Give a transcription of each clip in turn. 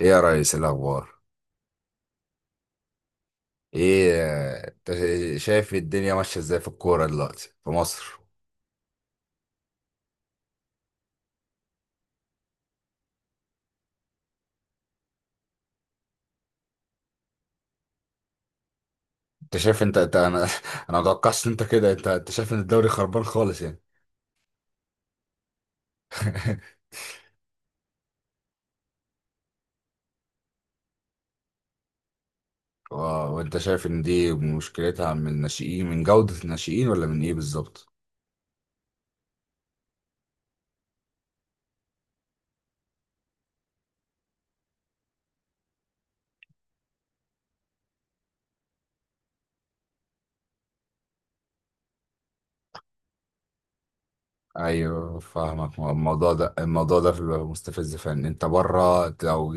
ايه يا ريس الاخبار؟ ايه، انت شايف الدنيا ماشيه ازاي في الكوره دلوقتي في مصر؟ انت شايف، انت انا انا ما اتوقعش ان انت كده، انت شايف ان الدوري خربان خالص يعني؟ و- وانت شايف ان دي مشكلتها من الناشئين، من جوده الناشئين، ولا من ايه بالظبط؟ ايوه، فاهمك. الموضوع ده، الموضوع ده بيبقى مستفز فعلا. انت بره لو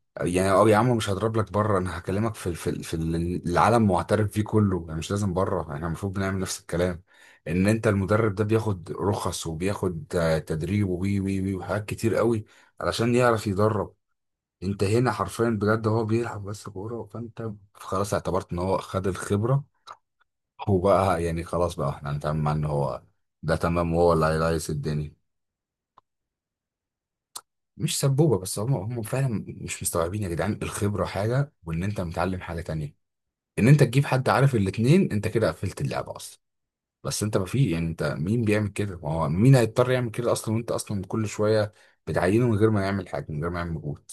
يعني، اه يا عم مش هضرب لك بره، انا هكلمك في العالم معترف بيه كله. يعني مش لازم بره، احنا المفروض بنعمل نفس الكلام. ان انت المدرب ده بياخد رخص، وبياخد تدريب، وي وي وي وحاجات كتير قوي علشان يعرف يدرب. انت هنا حرفيا بجد هو بيلعب بس كوره، فانت خلاص اعتبرت ان هو خد الخبره. هو بقى يعني خلاص بقى احنا هنتعامل مع ان هو ده تمام، وهو اللي هيلايس الدنيا. مش سبوبه بس، هم فعلا مش مستوعبين يا جدعان. الخبره حاجه، وان انت متعلم حاجه تانية. ان انت تجيب حد عارف الاتنين، انت كده قفلت اللعبه اصلا. بس انت ما في، يعني انت مين بيعمل كده؟ ما هو مين هيضطر يعمل كده اصلا، وانت اصلا كل شويه بتعينه من غير ما يعمل حاجه، من غير ما يعمل مجهود.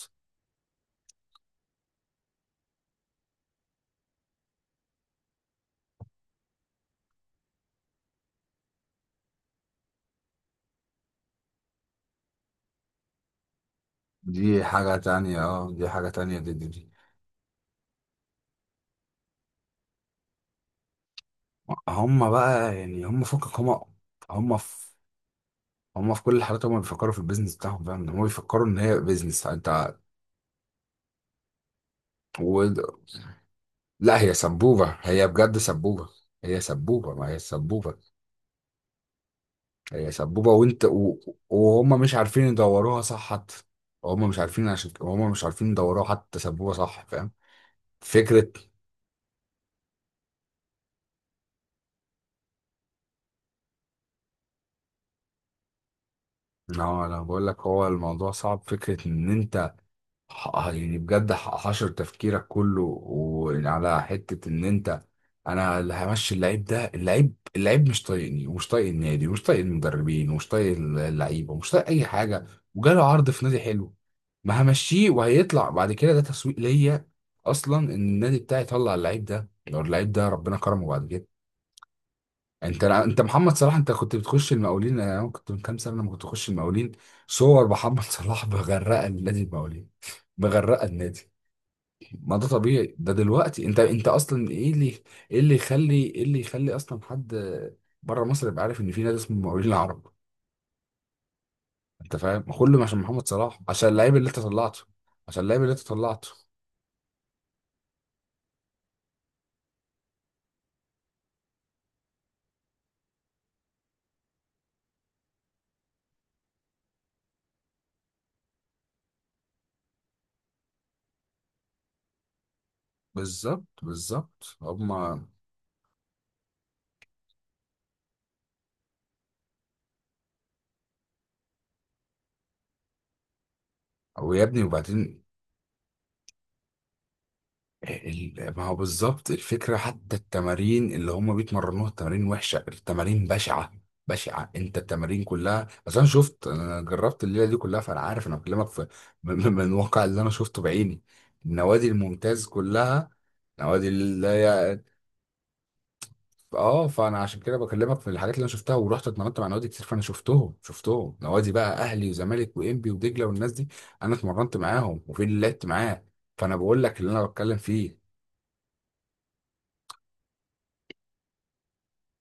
دي حاجه تانية، اه دي حاجه تانية، دي. هم بقى يعني، هم فكك هم. هم في، هم في كل الحالات هم بيفكروا في البيزنس بتاعهم. فاهم إن هم بيفكروا ان هي بيزنس؟ و... لا، هي سبوبه، هي بجد سبوبه. هي سبوبه، ما هي سبوبه. هي سبوبة وهم مش عارفين يدوروها صح حتى. هم مش عارفين، عشان كده هم مش عارفين يدوروها حتى سبوبة صح، فاهم؟ فكرة، لا لا، بقول لك هو الموضوع صعب. فكرة ان انت، يعني بجد، حشر تفكيرك كله وعلى حتة ان انت، انا اللي همشي اللعيب ده. اللعيب مش طايقني، ومش طايق النادي، ومش طايق المدربين، ومش طايق اللعيبة، ومش طايق اي حاجة، وجاله عرض في نادي حلو، ما همشيه. وهيطلع بعد كده، ده تسويق ليا اصلا ان النادي بتاعي يطلع اللعيب ده. لو اللعيب ده ربنا كرمه بعد كده، انت محمد صلاح. انت كنت بتخش المقاولين؟ انا كنت من كام سنة لما كنت اخش المقاولين صور محمد صلاح مغرقة النادي، المقاولين، مغرقة النادي. ما ده طبيعي. ده دلوقتي انت اصلا ايه اللي، ايه اللي يخلي، ايه اللي يخلي اصلا حد بره مصر يبقى عارف ان في نادي اسمه المقاولين العرب؟ انت فاهم؟ كله عشان محمد صلاح، عشان اللعيب اللي انت طلعته، عشان اللعيب اللي انت طلعته. بالظبط بالظبط، هما، ويا ابني، وبعدين، ما هو بالظبط الفكرة. حتى التمارين اللي هم بيتمرنوها، التمارين وحشة، التمارين بشعة، بشعة. انت التمارين كلها، بس انا شفت، انا جربت الليلة دي كلها، فانا عارف، انا بكلمك في من الواقع اللي انا شفته بعيني، النوادي الممتاز كلها، نوادي اللي هي، اه، فانا عشان كده بكلمك في الحاجات اللي انا شفتها. ورحت اتمرنت مع نوادي كتير، فانا شفتهم، نوادي بقى اهلي وزمالك وانبي ودجلة والناس دي. انا اتمرنت معاهم، وفي اللي لعبت معاه، فانا بقول لك اللي انا بتكلم فيه.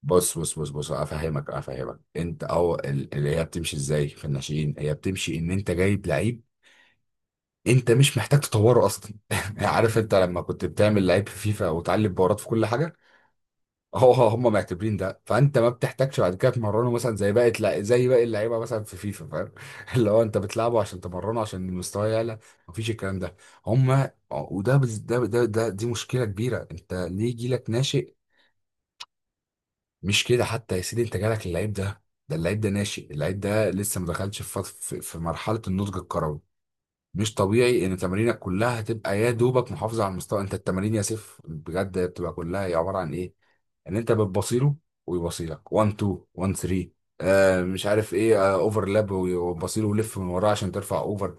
بص، افهمك، انت، او اللي هي بتمشي ازاي في الناشئين. هي بتمشي ان انت جايب لعيب، انت مش محتاج تطوره اصلا. عارف انت لما كنت بتعمل لعيب في فيفا وتعلم بورات في كل حاجه؟ هو هم معتبرين ده، فانت ما بتحتاجش بعد كده تمرنه مثلا زي زي باقي اللعيبه مثلا في فيفا، فاهم؟ اللي هو انت بتلعبه عشان تمرنه، عشان المستوى يعلى. مفيش الكلام ده. هم وده بز- ده ده ده دي مشكله كبيره. انت ليه يجي لك ناشئ، مش كده حتى يا سيدي، انت جالك اللعيب ده، اللعيب ده ناشئ، اللعيب ده لسه ما دخلش في, فط- في في مرحله النضج الكروي. مش طبيعي ان تمارينك كلها تبقى يا دوبك محافظه على المستوى. انت التمارين يا سيف بجد بتبقى كلها هي عباره عن ايه؟ ان انت بتبصيله ويبصيلك 1 2 1 3، مش عارف ايه، اوفرلاب وبصيله ولف من وراه عشان ترفع اوفر.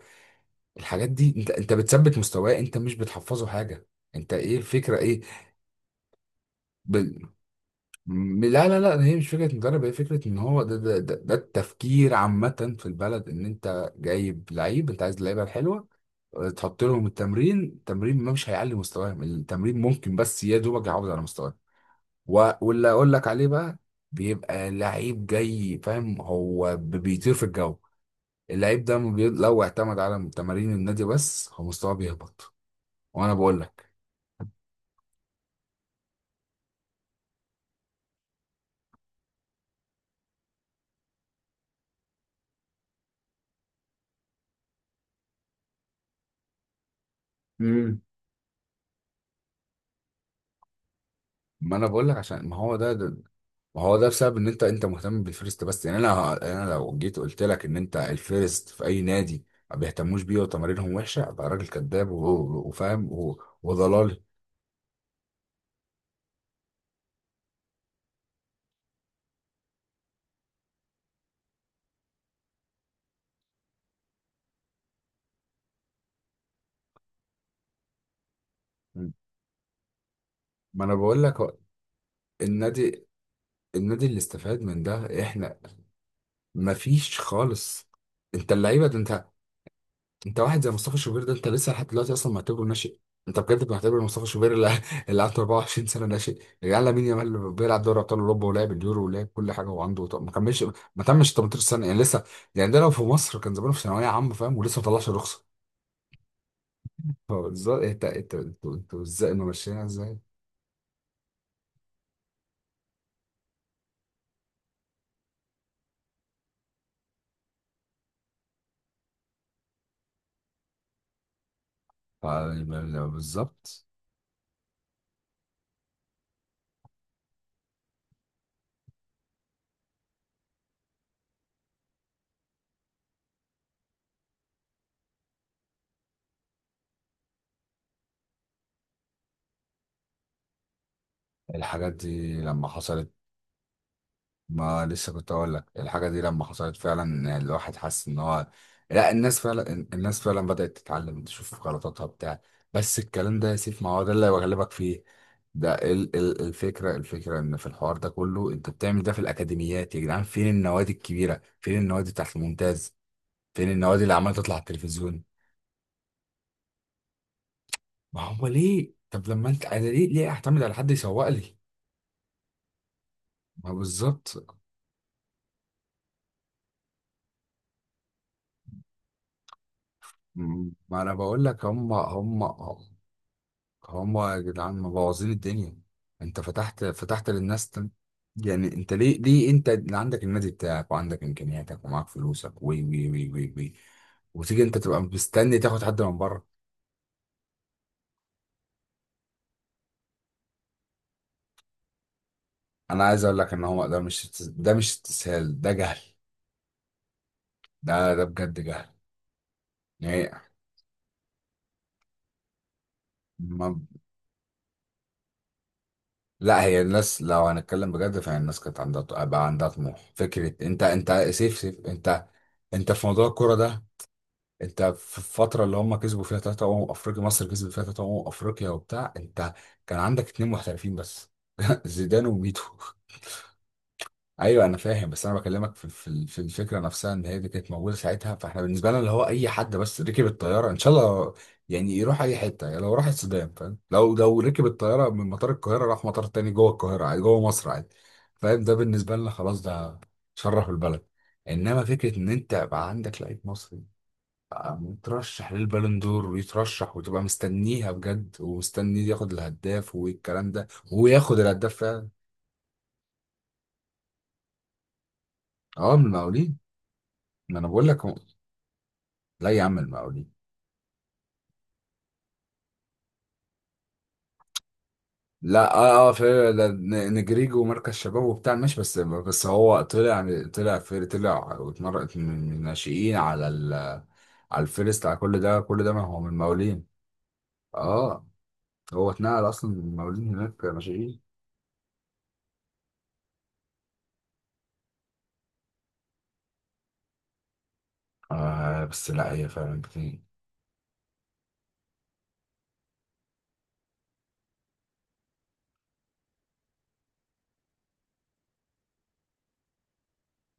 الحاجات دي انت بتثبت مستواه، انت مش بتحفظه حاجه. انت ايه الفكره، ايه؟ لا، هي مش فكرة مدرب، هي فكرة ان هو ده التفكير عامة في البلد. ان انت جايب لعيب، انت عايز اللعيبة الحلوة، تحط لهم التمرين. التمرين ما مش هيعلي مستواهم، التمرين ممكن بس يا دوبك يعوض على مستواهم. واللي اقول لك عليه بقى، بيبقى لعيب جاي فاهم، هو بيطير في الجو. اللعيب ده ما بي- لو اعتمد على تمارين النادي بس هو مستواه بيهبط. وانا بقول لك، ما انا بقول لك، عشان ما هو ده، ما هو ده بسبب ان انت، انت مهتم بالفيرست بس. يعني انا، يعني انا لو جيت قلت لك ان انت الفيرست في اي نادي ما بيهتموش بيه وتمارينهم وحشه، ابقى راجل كذاب وفاهم وضلالي. ما انا بقول لك هو النادي، اللي استفاد من ده احنا. ما فيش خالص. انت اللعيبه ده انت، انت واحد زي مصطفى شوبير ده، انت لسه لحد دلوقتي اصلا معتبره ناشئ. انت بجد بتعتبر مصطفى شوبير اللي اللي عنده 24 سنه ناشئ؟ يا جدعان، لامين يامال اللي بيلعب دوري ابطال اوروبا، ولعب اليورو، ولعب كل حاجه، وعنده، طب ما كملش ما تمش 18 سنه يعني لسه. يعني ده لو في مصر كان زمانه في ثانويه عامه، فاهم؟ ولسه ما طلعش رخصه. فبالظبط انت، انتوا ازاي ماشيينها ازاي؟ ف- بالظبط. الحاجات دي لما حصلت، ما لسه كنت اقول لك، الحاجه دي لما حصلت فعلا الواحد حس ان هو، لا الناس فعلا، الناس فعلا بدات تتعلم تشوف غلطاتها بتاع. بس الكلام ده يا سيف، ما هو ده اللي بغلبك فيه. ده الفكره، الفكره ان في الحوار ده كله انت بتعمل ده في الاكاديميات. يا جدعان، فين النوادي الكبيره؟ فين النوادي بتاعت الممتاز؟ فين النوادي اللي عماله تطلع على التلفزيون؟ ما هو ليه، طب لما انت، انا ليه، ليه اعتمد على حد يسوق لي؟ ما بالظبط، ما انا بقول لك هم، هم يا جدعان مبوظين الدنيا. انت فتحت، فتحت للناس يعني. انت ليه، ليه انت اللي عندك النادي بتاعك وعندك امكانياتك ومعاك فلوسك وي وي وي وي وي وتيجي انت تبقى مستني تاخد حد من بره؟ انا عايز اقول لك ان هو ده مش ده مش استسهال، ده جهل، ده ده بجد جهل، يعني. ما لا، هي الناس لو هنتكلم بجد، فهي الناس كانت عندها، بقى عندها طموح. فكرة انت، سيف انت، انت في موضوع الكرة ده، انت في الفترة اللي هم كسبوا فيها ثلاثة أمم أفريقيا، مصر كسبت فيها ثلاثة أمم أفريقيا وبتاع، انت كان عندك اتنين محترفين بس، زيدان وميتو. ايوه انا فاهم، بس انا بكلمك في الفكرة نفسها ان هي دي كانت موجودة ساعتها، فاحنا بالنسبة لنا اللي هو اي حد بس ركب الطيارة ان شاء الله يعني يروح اي حتة. يعني لو راح السودان، فاهم، لو، ركب الطيارة من مطار القاهرة راح مطار تاني جوه القاهرة عادي، جوه مصر عادي، فاهم؟ ده بالنسبة لنا خلاص ده شرف البلد. انما فكرة ان انت بقى عندك لعيب مصري يترشح للبالون دور، ويترشح، وتبقى مستنيها بجد، ومستني ياخد الهداف والكلام ده، وهو ياخد الهداف فعلا. اه، من المقاولين. ما انا بقول لك هو، لا يا عم، المقاولين. لا اه اه، في، ده نجريجو مركز شباب وبتاع، ماشي، بس بس هو طلع، طلع في، طلع واتمرقت من الناشئين على ال... على الفيرست، على كل ده، كل ده ما هو من المقاولين. اه، هو اتنقل اصلا من المقاولين، هناك ناشئين. آه، بس لا هي فعلا كتير.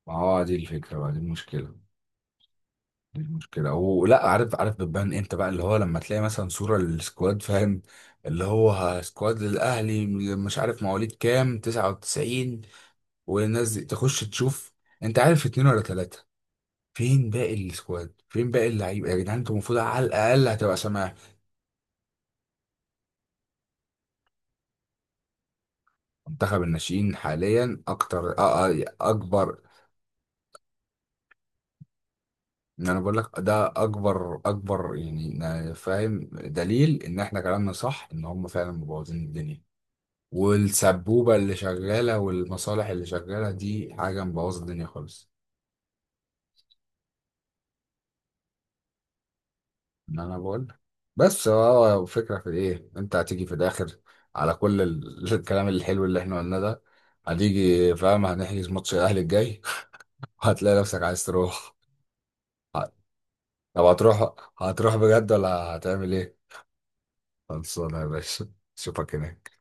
ما هو دي الفكرة بقى، دي المشكلة، دي المشكلة. ولا عارف، عارف بتبان امتى بقى؟ اللي هو لما تلاقي مثلا صورة للسكواد، فاهم، اللي هو سكواد للأهلي، مش عارف مواليد كام 99، والناس دي تخش تشوف انت عارف اتنين ولا تلاتة. فين باقي السكواد؟ فين باقي اللعيبة يا جدعان؟ انتوا المفروض على الأقل هتبقى سامع. منتخب الناشئين حاليا أكتر، أكبر. انا بقول لك ده اكبر، يعني فاهم دليل ان احنا كلامنا صح، ان هم فعلا مبوظين الدنيا، والسبوبة اللي شغالة، والمصالح اللي شغالة، دي حاجة مبوظة الدنيا خالص. ان انا بقول، بس هو فكرة في ايه؟ انت هتيجي في الاخر على كل الكلام الحلو اللي احنا قلناه ده، هتيجي فاهم هنحجز ماتش الاهلي الجاي، وهتلاقي نفسك عايز تروح. طب هتروح، هتروح بجد ولا هتعمل ايه؟ خلصانة يا باشا، اشوفك هناك.